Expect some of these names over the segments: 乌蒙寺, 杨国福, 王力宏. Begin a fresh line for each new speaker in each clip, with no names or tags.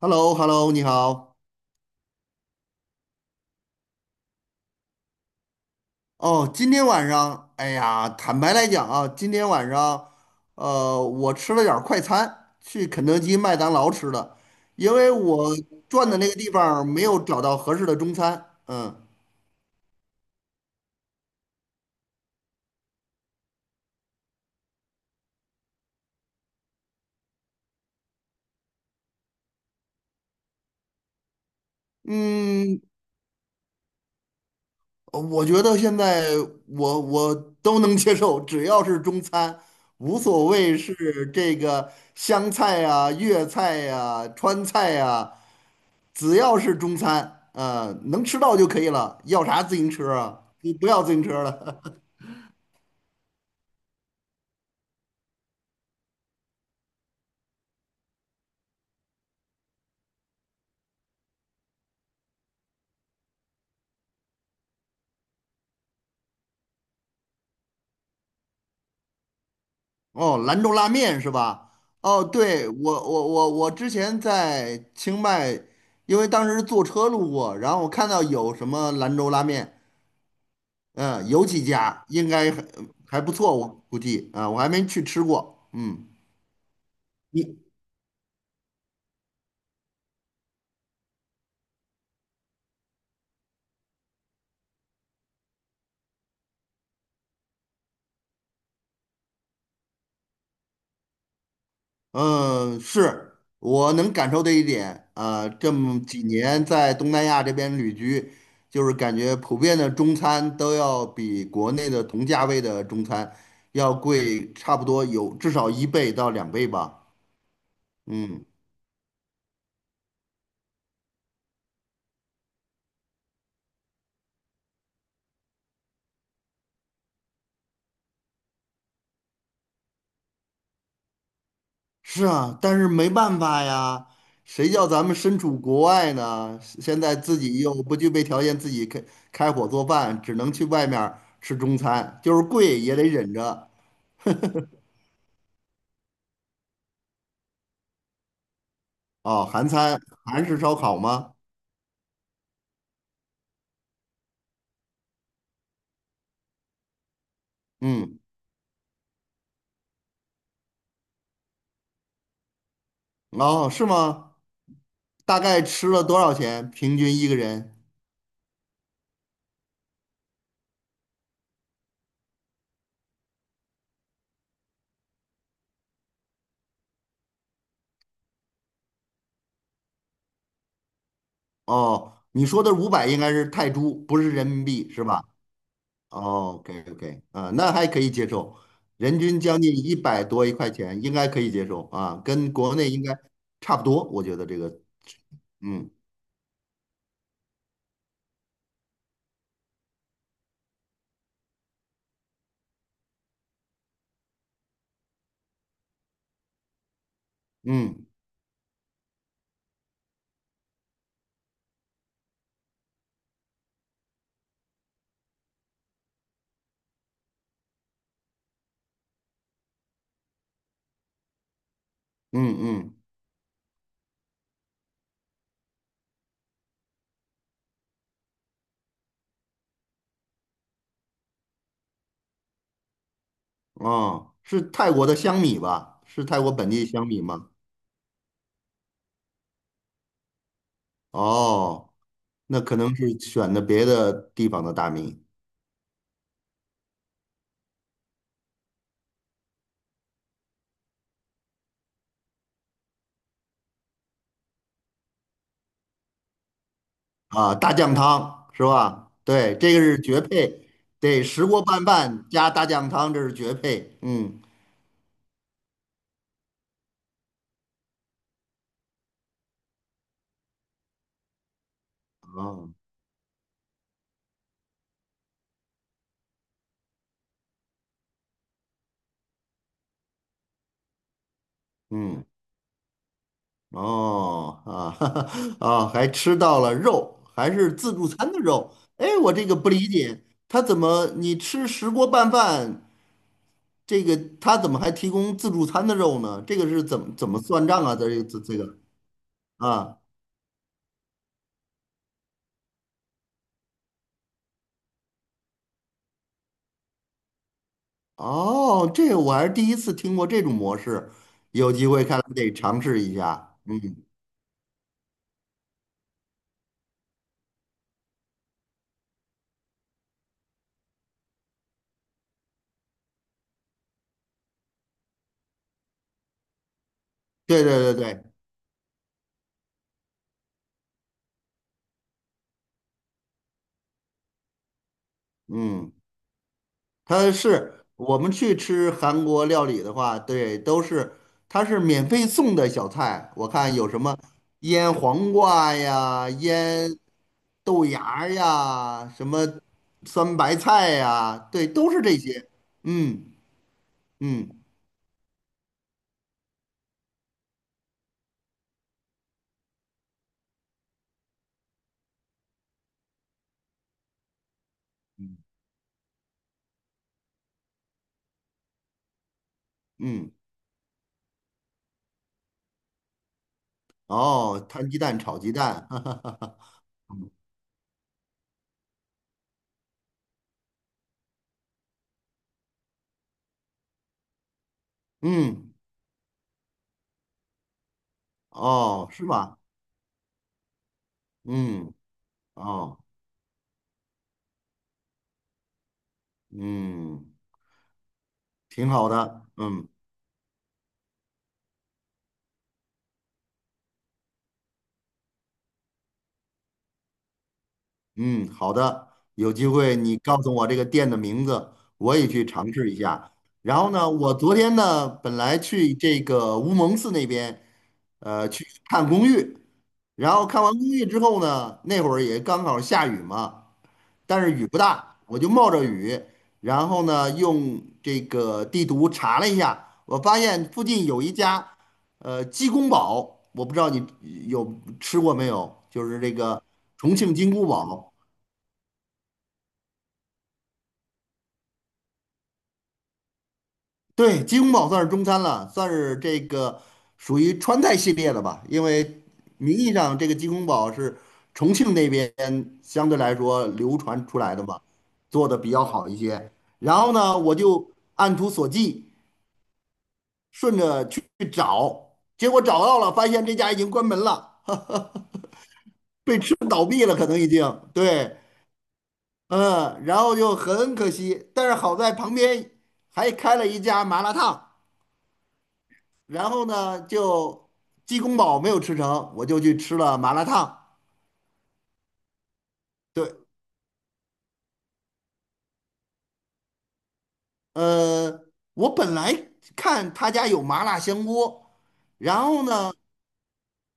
Hello Hello 你好。哦，今天晚上，哎呀，坦白来讲啊，今天晚上，我吃了点儿快餐，去肯德基、麦当劳吃的，因为我转的那个地方儿没有找到合适的中餐。嗯嗯，我觉得现在我都能接受，只要是中餐，无所谓是这个湘菜呀、粤菜呀、川菜呀。只要是中餐，能吃到就可以了，要啥自行车啊？你不要自行车了。哦，兰州拉面是吧？哦，对，我之前在清迈，因为当时坐车路过，然后我看到有什么兰州拉面，嗯、有几家应该还不错，我估计啊、我还没去吃过。嗯，你嗯，是我能感受的一点啊，这么几年在东南亚这边旅居，就是感觉普遍的中餐都要比国内的同价位的中餐要贵，差不多有至少一倍到两倍吧。嗯，是啊，但是没办法呀，谁叫咱们身处国外呢？现在自己又不具备条件自己开火做饭，只能去外面儿吃中餐，就是贵也得忍着。哦，韩餐，韩式烧烤吗？嗯，哦，是吗？大概吃了多少钱？平均一个人？哦，你说的500应该是泰铢，不是人民币，是吧？哦，OK OK，啊，那还可以接受，人均将近一百多一块钱，应该可以接受啊，跟国内应该差不多，我觉得这个，嗯嗯嗯嗯，哦，是泰国的香米吧？是泰国本地香米吗？哦，那可能是选的别的地方的大米，啊，大酱汤是吧？对，这个是绝配，对，石锅拌饭加大酱汤，这是绝配。嗯，哦，嗯，哦，啊，啊，还吃到了肉，还是自助餐的肉。哎，我这个不理解，他怎么你吃石锅拌饭，这个他怎么还提供自助餐的肉呢？这个是怎么算账啊？这个啊，哦，这个我还是第一次听过这种模式，有机会看来得尝试一下。嗯。对对对对，嗯，它是我们去吃韩国料理的话，对，都是它是免费送的小菜，我看有什么腌黄瓜呀、腌豆芽儿呀、什么酸白菜呀，对，都是这些。嗯嗯嗯，哦，摊鸡蛋炒鸡蛋，嗯，哦，是吧？嗯，哦，嗯，挺好的，嗯。嗯，好的，有机会你告诉我这个店的名字，我也去尝试一下。然后呢，我昨天呢本来去这个乌蒙寺那边，去看公寓，然后看完公寓之后呢，那会儿也刚好下雨嘛，但是雨不大，我就冒着雨，然后呢用这个地图查了一下，我发现附近有一家，鸡公煲，我不知道你有吃过没有，就是这个重庆金菇煲。对，鸡公煲算是中餐了，算是这个属于川菜系列的吧。因为名义上这个鸡公煲是重庆那边相对来说流传出来的吧，做的比较好一些。然后呢，我就按图索骥，顺着去找，结果找到了，发现这家已经关门了，被吃倒闭了，可能已经对，嗯，然后就很可惜。但是好在旁边还开了一家麻辣烫。然后呢，就鸡公煲没有吃成，我就去吃了麻辣烫。对，呃，我本来看他家有麻辣香锅，然后呢，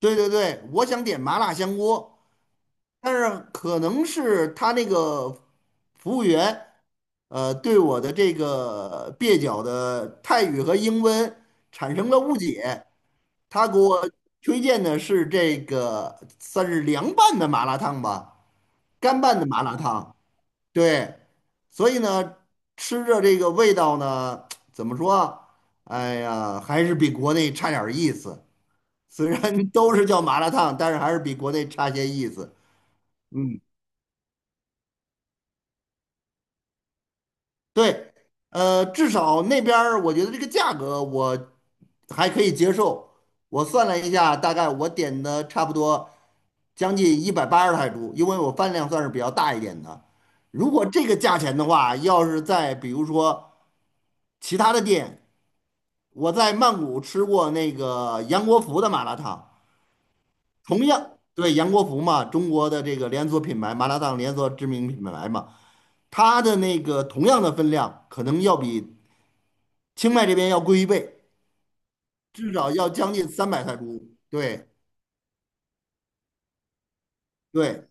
对对对，我想点麻辣香锅，但是可能是他那个服务员，对我的这个蹩脚的泰语和英文产生了误解，他给我推荐的是这个算是凉拌的麻辣烫吧，干拌的麻辣烫。对，所以呢，吃着这个味道呢，怎么说啊？哎呀，还是比国内差点儿意思。虽然 都是叫麻辣烫，但是还是比国内差些意思。嗯，对，至少那边儿我觉得这个价格我还可以接受。我算了一下，大概我点的差不多将近180泰铢，因为我饭量算是比较大一点的。如果这个价钱的话，要是在比如说其他的店。我在曼谷吃过那个杨国福的麻辣烫，同样对杨国福嘛，中国的这个连锁品牌麻辣烫连锁知名品牌嘛，它的那个同样的分量，可能要比清迈这边要贵一倍，至少要将近300泰铢。对对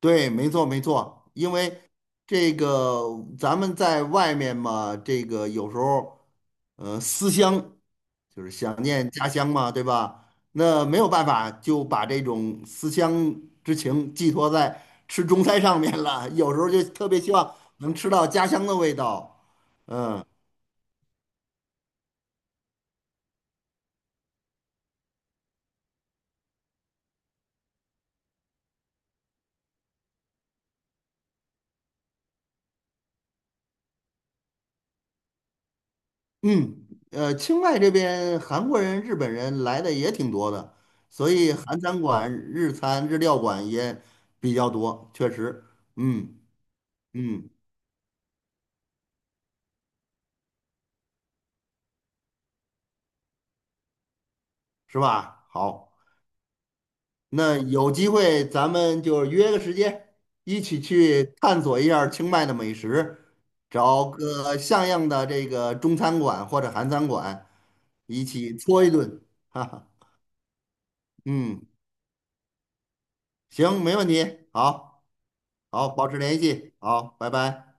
对，没错没错，因为这个咱们在外面嘛，这个有时候思乡。就是想念家乡嘛，对吧？那没有办法，就把这种思乡之情寄托在吃中餐上面了。有时候就特别希望能吃到家乡的味道。嗯，清迈这边韩国人、日本人来的也挺多的，所以韩餐馆、日餐、日料馆也比较多，确实，嗯嗯，是吧？好。那有机会咱们就约个时间，一起去探索一下儿清迈的美食，找个像样的这个中餐馆或者韩餐馆，一起搓一顿，哈哈，嗯，行，没问题，好，好，保持联系，好，拜拜。